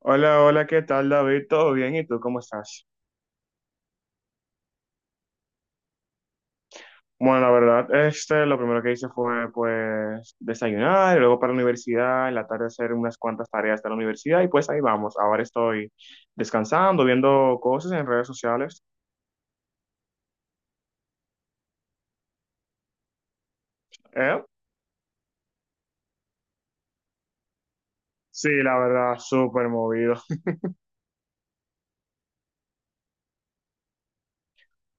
Hola, hola, ¿qué tal, David? ¿Todo bien? ¿Y tú cómo estás? Bueno, la verdad, lo primero que hice fue, pues, desayunar, y luego para la universidad, en la tarde hacer unas cuantas tareas de la universidad, y pues ahí vamos. Ahora estoy descansando, viendo cosas en redes sociales. ¿Eh? Sí, la verdad, súper movido.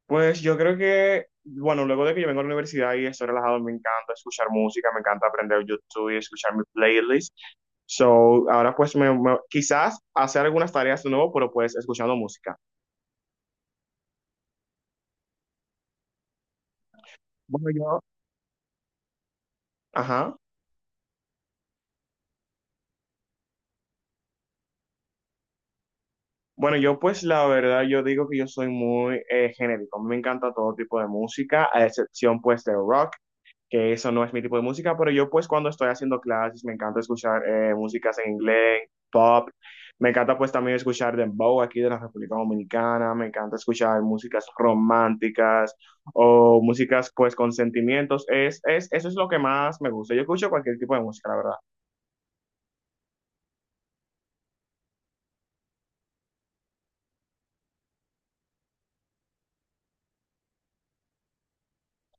Pues yo creo que, bueno, luego de que yo vengo a la universidad y estoy relajado, me encanta escuchar música, me encanta aprender YouTube y escuchar mi playlist. So, ahora quizás hacer algunas tareas de nuevo, pero pues escuchando música. Bueno, yo, ajá. Bueno, yo pues la verdad, yo digo que yo soy muy genérico. Me encanta todo tipo de música, a excepción pues de rock, que eso no es mi tipo de música. Pero yo pues cuando estoy haciendo clases me encanta escuchar músicas en inglés, pop. Me encanta pues también escuchar dembow aquí de la República Dominicana, me encanta escuchar músicas románticas o músicas pues con sentimientos. Eso es lo que más me gusta, yo escucho cualquier tipo de música, la verdad.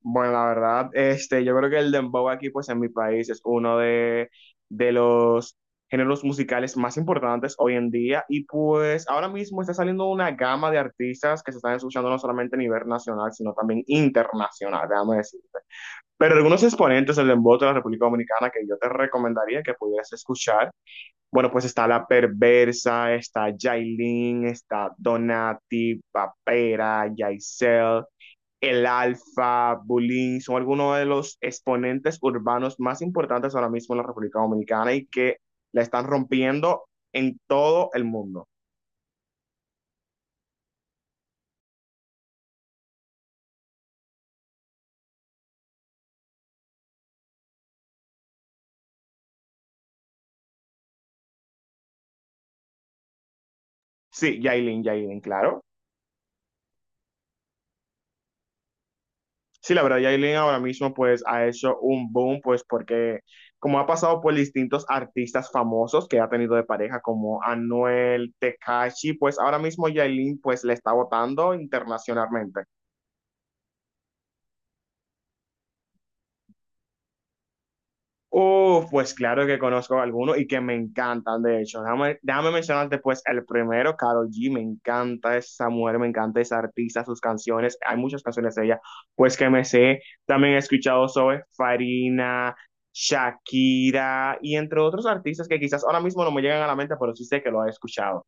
Bueno, la verdad, yo creo que el dembow aquí, pues en mi país, es de los géneros musicales más importantes hoy en día. Y pues ahora mismo está saliendo una gama de artistas que se están escuchando no solamente a nivel nacional, sino también internacional, déjame decirte. Pero algunos exponentes del dembow de la República Dominicana que yo te recomendaría que pudieras escuchar, bueno, pues está La Perversa, está Yailin, está Donati, Papera, Yaisel, El Alfa, Bulín, son algunos de los exponentes urbanos más importantes ahora mismo en la República Dominicana y que la están rompiendo en todo el mundo. Sí, Yailin, Yailin, claro. Sí, la verdad, Yailin ahora mismo pues ha hecho un boom, pues porque como ha pasado por distintos artistas famosos que ha tenido de pareja como Anuel, Tekashi, pues ahora mismo Yailin pues le está votando internacionalmente. Uf, pues claro que conozco algunos y que me encantan, de hecho. Déjame mencionarte pues el primero, Karol G, me encanta esa mujer, me encanta esa artista, sus canciones, hay muchas canciones de ella, pues que me sé. También he escuchado sobre Farina, Shakira y entre otros artistas que quizás ahora mismo no me llegan a la mente, pero sí sé que lo he escuchado.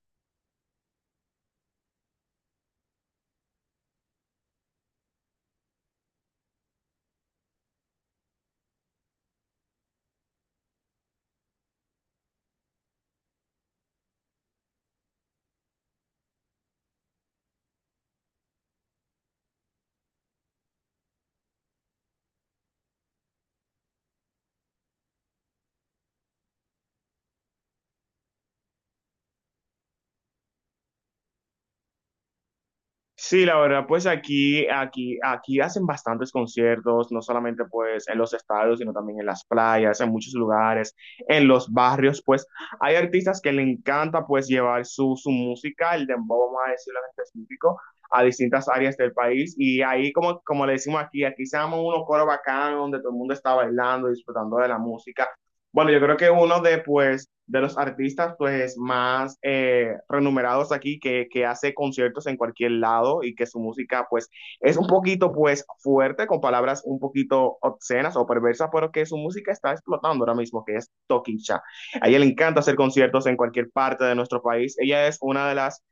Sí, la verdad, pues aquí hacen bastantes conciertos, no solamente pues en los estadios, sino también en las playas, en muchos lugares, en los barrios. Pues hay artistas que le encanta pues llevar su música, el dembow, vamos a decirlo en específico, a distintas áreas del país, y ahí como le decimos aquí, aquí se llaman unos coros bacanos donde todo el mundo está bailando, disfrutando de la música. Bueno, yo creo que de los artistas más renumerados aquí que hace conciertos en cualquier lado y que su música es un poquito fuerte, con palabras un poquito obscenas o perversas, pero que su música está explotando ahora mismo, que es Tokisha. A ella le encanta hacer conciertos en cualquier parte de nuestro país. Ella es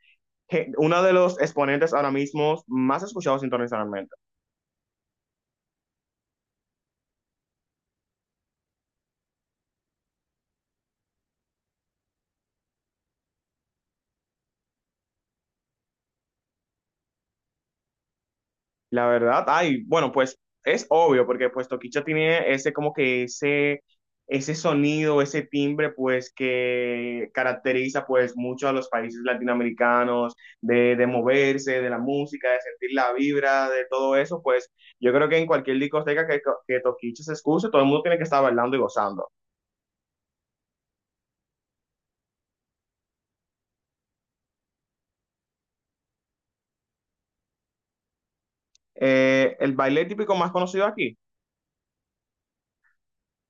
una de los exponentes ahora mismo más escuchados internacionalmente. La verdad, ay, bueno, pues es obvio, porque pues Toquicha tiene ese como que ese sonido, ese timbre, pues que caracteriza pues mucho a los países latinoamericanos, de moverse, de la música, de sentir la vibra, de todo eso. Pues yo creo que en cualquier discoteca que Toquicha se escuche, todo el mundo tiene que estar bailando y gozando. El baile típico más conocido aquí.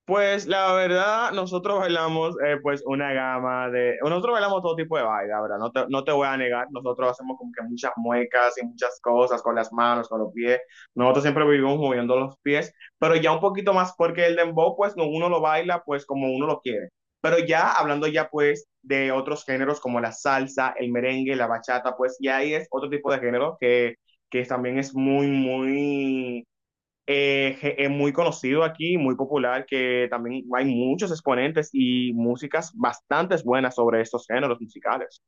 Pues la verdad, nosotros bailamos pues una gama de... Nosotros bailamos todo tipo de baile, la verdad, no te voy a negar. Nosotros hacemos como que muchas muecas y muchas cosas con las manos, con los pies. Nosotros siempre vivimos moviendo los pies, pero ya un poquito más, porque el dembow pues no, uno lo baila pues como uno lo quiere. Pero ya hablando ya pues de otros géneros como la salsa, el merengue, la bachata, pues ya ahí es otro tipo de género que también es muy es muy conocido aquí, muy popular, que también hay muchos exponentes y músicas bastante buenas sobre estos géneros musicales.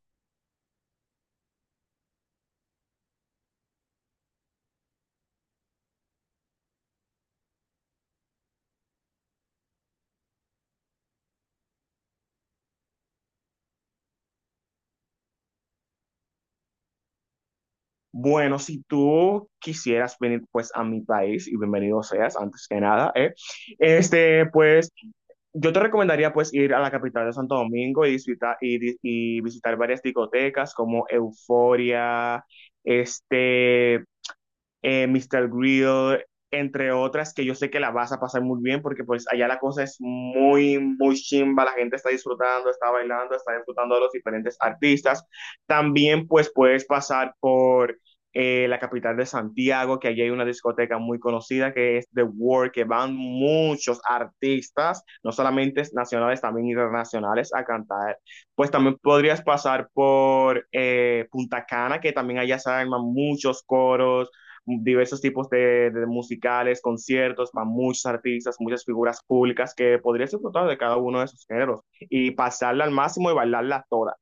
Bueno, si tú quisieras venir pues a mi país, y bienvenido seas, antes que nada, pues yo te recomendaría pues ir a la capital de Santo Domingo y visitar, y visitar varias discotecas como Euforia, este, Mr. Grill, entre otras que yo sé que la vas a pasar muy bien, porque pues allá la cosa es muy, muy chimba, la gente está disfrutando, está bailando, está disfrutando de los diferentes artistas. También pues puedes pasar por la capital de Santiago, que allí hay una discoteca muy conocida que es The World, que van muchos artistas, no solamente nacionales, también internacionales, a cantar. Pues también podrías pasar por Punta Cana, que también allá se arman muchos coros, diversos tipos de musicales, conciertos para muchos artistas, muchas figuras públicas, que podrías disfrutar de cada uno de esos géneros y pasarla al máximo y bailarla toda.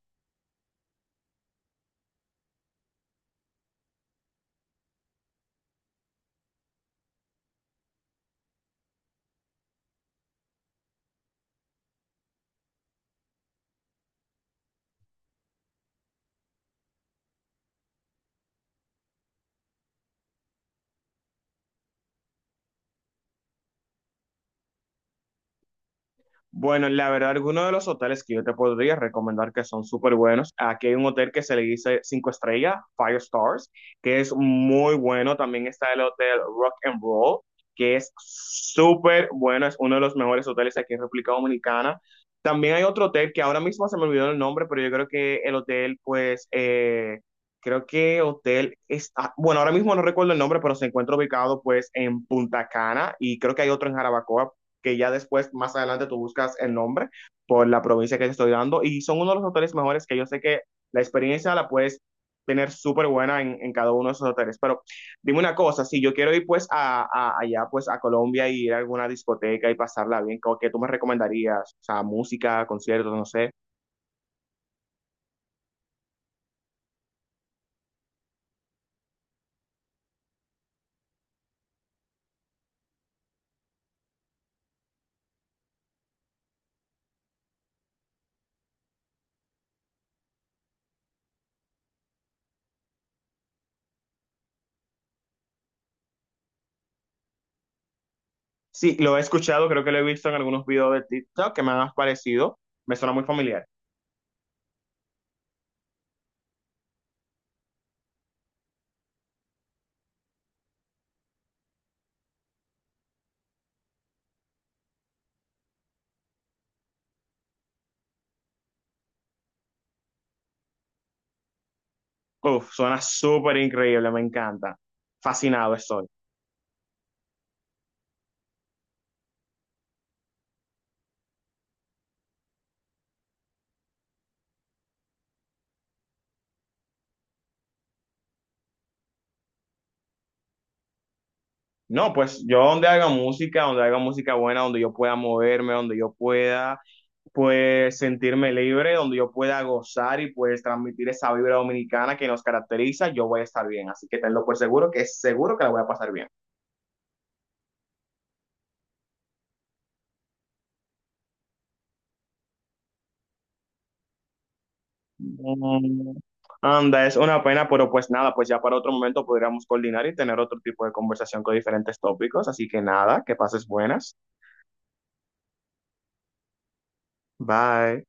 Bueno, la verdad, algunos de los hoteles que yo te podría recomendar que son súper buenos. Aquí hay un hotel que se le dice 5 estrellas, Five Stars, que es muy bueno. También está el hotel Rock and Roll, que es súper bueno. Es uno de los mejores hoteles aquí en República Dominicana. También hay otro hotel que ahora mismo se me olvidó el nombre, pero yo creo que el hotel, pues, creo que hotel es, ah, bueno, ahora mismo no recuerdo el nombre, pero se encuentra ubicado, pues, en Punta Cana, y creo que hay otro en Jarabacoa, que ya después, más adelante, tú buscas el nombre por la provincia que te estoy dando. Y son uno de los hoteles mejores que yo sé que la experiencia la puedes tener súper buena en, cada uno de esos hoteles. Pero dime una cosa, si yo quiero ir pues a allá pues a Colombia y ir a alguna discoteca y pasarla bien, ¿qué tú me recomendarías? O sea, música, conciertos, no sé. Sí, lo he escuchado, creo que lo he visto en algunos videos de TikTok que me han parecido, me suena muy familiar. Uf, suena súper increíble, me encanta. Fascinado estoy. No, pues yo donde haga música buena, donde yo pueda moverme, donde yo pueda pues sentirme libre, donde yo pueda gozar y pues transmitir esa vibra dominicana que nos caracteriza, yo voy a estar bien. Así que tenlo por seguro que es seguro que la voy a pasar bien. Mm, anda, es una pena, pero pues nada, pues ya para otro momento podríamos coordinar y tener otro tipo de conversación con diferentes tópicos. Así que nada, que pases buenas. Bye.